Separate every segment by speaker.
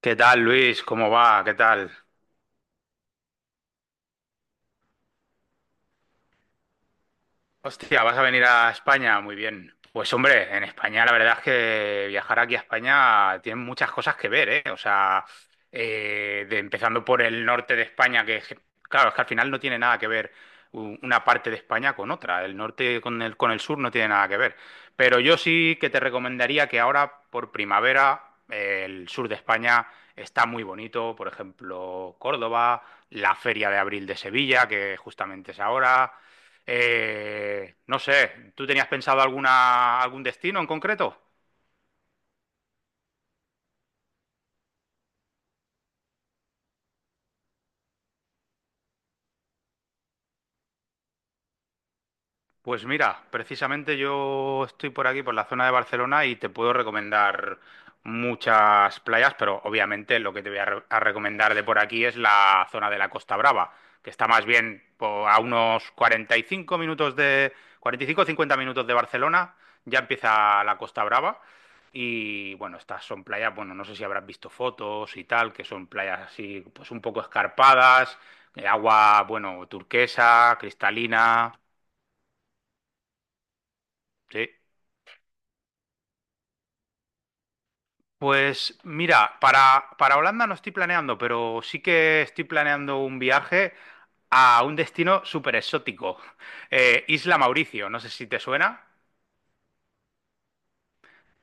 Speaker 1: ¿Qué tal, Luis? ¿Cómo va? ¿Qué tal? Hostia, ¿vas a venir a España? Muy bien. Pues hombre, en España la verdad es que viajar aquí a España tiene muchas cosas que ver, ¿eh? O sea, empezando por el norte de España, claro, es que al final no tiene nada que ver una parte de España con otra. El norte con con el sur no tiene nada que ver. Pero yo sí que te recomendaría que ahora, por primavera, el sur de España está muy bonito. Por ejemplo, Córdoba, la Feria de Abril de Sevilla, que justamente es ahora. No sé, ¿tú tenías pensado algún destino en concreto? Pues mira, precisamente yo estoy por aquí, por la zona de Barcelona, y te puedo recomendar muchas playas, pero obviamente lo que te voy a recomendar de por aquí es la zona de la Costa Brava, que está más bien a unos 45 minutos, 45 o 50 minutos de Barcelona, ya empieza la Costa Brava. Y bueno, estas son playas, bueno, no sé si habrás visto fotos y tal, que son playas así, pues un poco escarpadas, agua, bueno, turquesa, cristalina, sí. Pues mira, para Holanda no estoy planeando, pero sí que estoy planeando un viaje a un destino súper exótico, Isla Mauricio, no sé si te suena.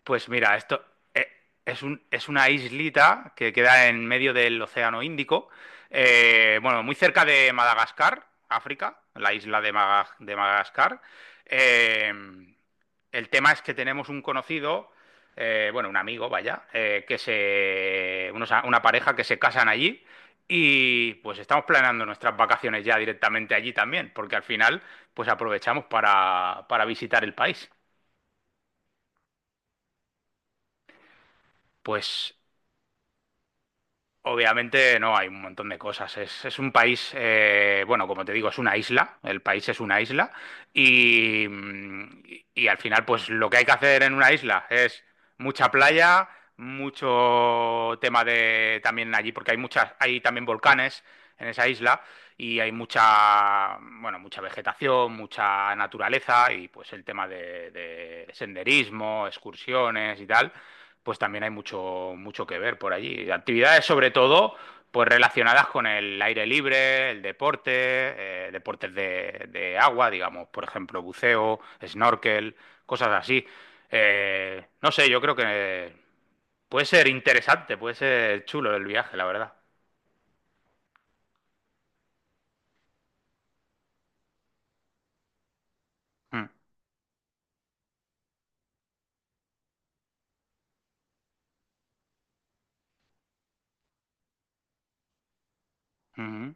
Speaker 1: Pues mira, esto eh, es es una islita que queda en medio del Océano Índico, bueno, muy cerca de Madagascar, África, la isla de Madagascar. Eh, el tema es que tenemos un conocido, bueno, un amigo, vaya, que se, una pareja que se casan allí y pues estamos planeando nuestras vacaciones ya directamente allí también, porque al final pues aprovechamos para visitar el país. Pues obviamente no, hay un montón de cosas. Es un país, bueno, como te digo, es una isla, el país es una isla y, y al final pues lo que hay que hacer en una isla es mucha playa, mucho tema de también allí, porque hay muchas, hay también volcanes en esa isla y hay mucha, bueno, mucha vegetación, mucha naturaleza y pues el tema de senderismo, excursiones y tal pues también hay mucho, mucho que ver por allí. Actividades sobre todo pues relacionadas con el aire libre, el deporte, deportes de agua, digamos, por ejemplo, buceo, snorkel, cosas así. No sé, yo creo que puede ser interesante, puede ser chulo el viaje, la verdad. Mm, mhm.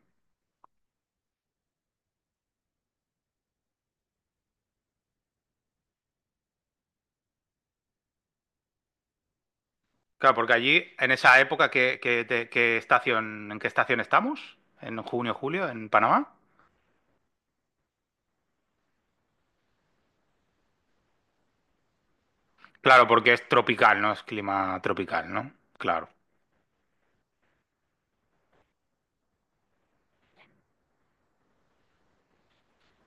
Speaker 1: Claro, porque allí, en esa época, ¿qué estación, ¿en qué estación estamos? ¿En junio, julio, en Panamá? Claro, porque es tropical, no es clima tropical, ¿no? Claro.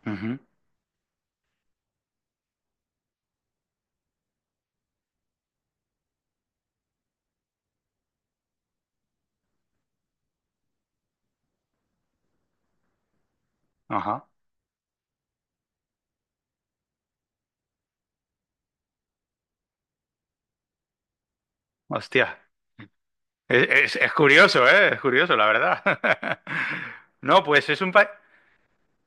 Speaker 1: Ujú, ajá. Hostia. Es curioso, ¿eh? Es curioso, la verdad. No, pues es un país.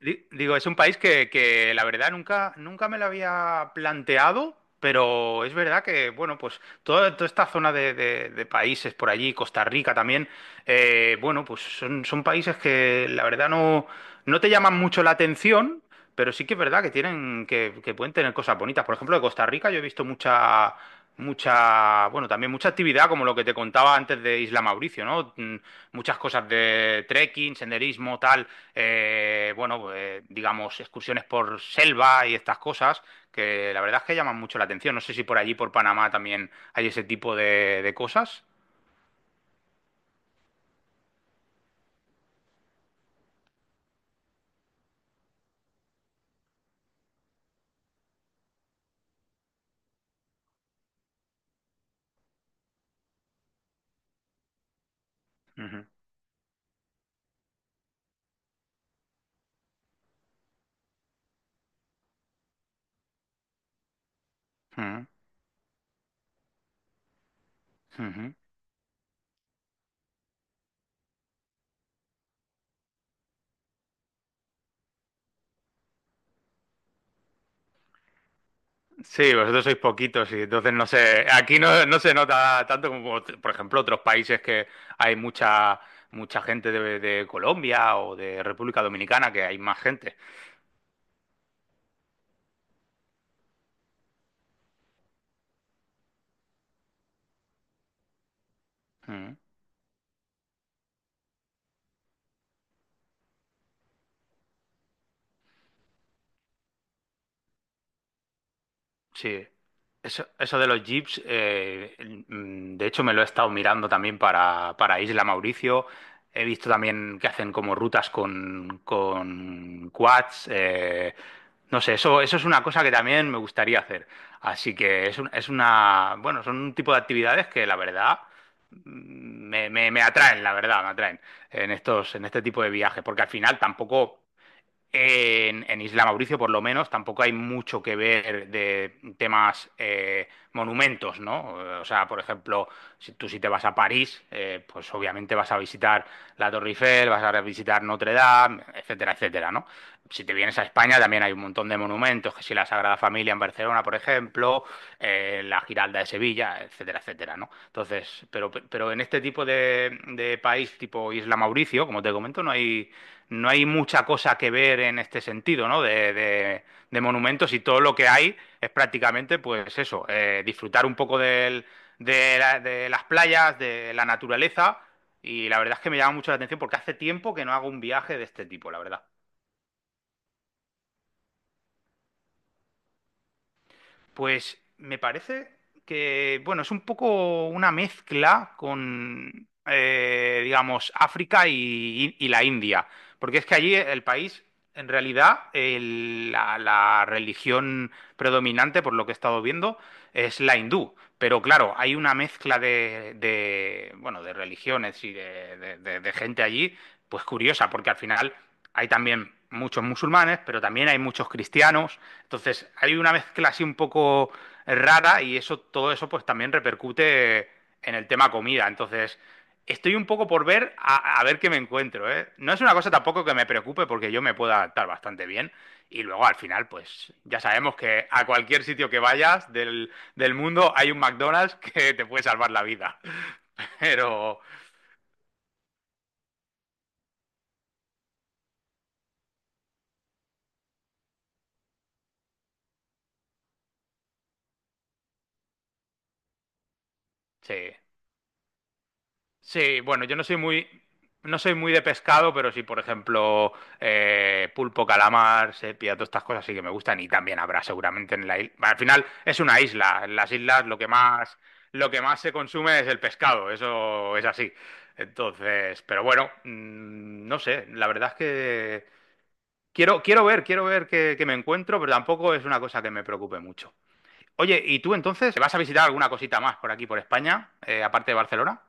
Speaker 1: Digo, es un país que la verdad nunca, nunca me lo había planteado, pero es verdad que, bueno, pues toda, toda esta zona de, de países por allí, Costa Rica también, bueno, pues son, son países que la verdad no, no te llaman mucho la atención, pero sí que es verdad que tienen, que pueden tener cosas bonitas. Por ejemplo, de Costa Rica yo he visto mucha, mucha, bueno, también mucha actividad, como lo que te contaba antes de Isla Mauricio, ¿no? Mm, muchas cosas de trekking, senderismo, tal bueno, pues, digamos, excursiones por selva y estas cosas, que la verdad es que llaman mucho la atención. No sé si por allí, por Panamá, también hay ese tipo de cosas. Ujú, ujú, ujú. Sí, vosotros sois poquitos y entonces no sé, aquí no, no se nota tanto como, por ejemplo, otros países que hay mucha, mucha gente de Colombia o de República Dominicana, que hay más gente. Mm. Sí, eso de los jeeps, de hecho me lo he estado mirando también para Isla Mauricio. He visto también que hacen como rutas con quads. No sé, eso es una cosa que también me gustaría hacer. Así que es una, bueno, son un tipo de actividades que la verdad mm, me, me atraen, la verdad, me atraen en estos, en este tipo de viajes, porque al final tampoco. En Isla Mauricio, por lo menos, tampoco hay mucho que ver de temas monumentos, ¿no? O sea, por ejemplo, si te vas a París, pues obviamente vas a visitar la Torre Eiffel, vas a visitar Notre Dame, etcétera, etcétera, ¿no? Si te vienes a España también hay un montón de monumentos, que si la Sagrada Familia en Barcelona, por ejemplo, la Giralda de Sevilla, etcétera, etcétera, ¿no? Entonces, pero en este tipo de país, tipo Isla Mauricio, como te comento, no hay no hay mucha cosa que ver en este sentido, ¿no? De monumentos y todo lo que hay es prácticamente, pues eso, disfrutar un poco de las playas, de la naturaleza. Y la verdad es que me llama mucho la atención porque hace tiempo que no hago un viaje de este tipo, la verdad. Pues me parece que, bueno, es un poco una mezcla con, digamos, África y la India, porque es que allí el país, en realidad, la religión predominante, por lo que he estado viendo, es la hindú. Pero claro, hay una mezcla de, bueno, de religiones y de gente allí, pues curiosa, porque al final hay también muchos musulmanes, pero también hay muchos cristianos. Entonces, hay una mezcla así un poco rara y eso, todo eso pues también repercute en el tema comida. Entonces, estoy un poco por ver a ver qué me encuentro, ¿eh? No es una cosa tampoco que me preocupe porque yo me puedo adaptar bastante bien. Y luego al final, pues ya sabemos que a cualquier sitio que vayas del mundo hay un McDonald's que te puede salvar la vida. Pero sí, sí, bueno, yo no soy muy, no soy muy de pescado, pero sí, por ejemplo, pulpo, calamar, sepia, todas estas cosas sí que me gustan y también habrá seguramente en la isla. Al final es una isla, en las islas lo que más se consume es el pescado, eso es así. Entonces, pero bueno, no sé, la verdad es que quiero, quiero ver qué, qué me encuentro, pero tampoco es una cosa que me preocupe mucho. Oye, ¿y tú entonces vas a visitar alguna cosita más por aquí, por España, aparte de Barcelona?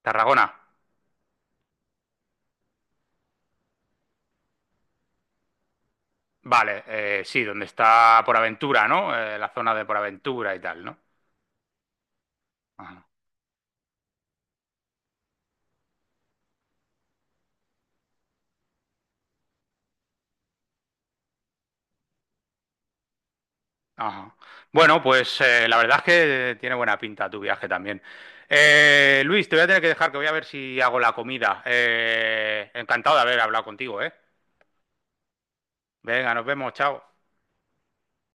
Speaker 1: Tarragona. Vale, sí, donde está por aventura, ¿no? La zona de por aventura y tal, ¿no? Ajá, ajá. Bueno, pues la verdad es que tiene buena pinta tu viaje también. Luis, te voy a tener que dejar que voy a ver si hago la comida. Encantado de haber hablado contigo, ¿eh? Venga, nos vemos, chao.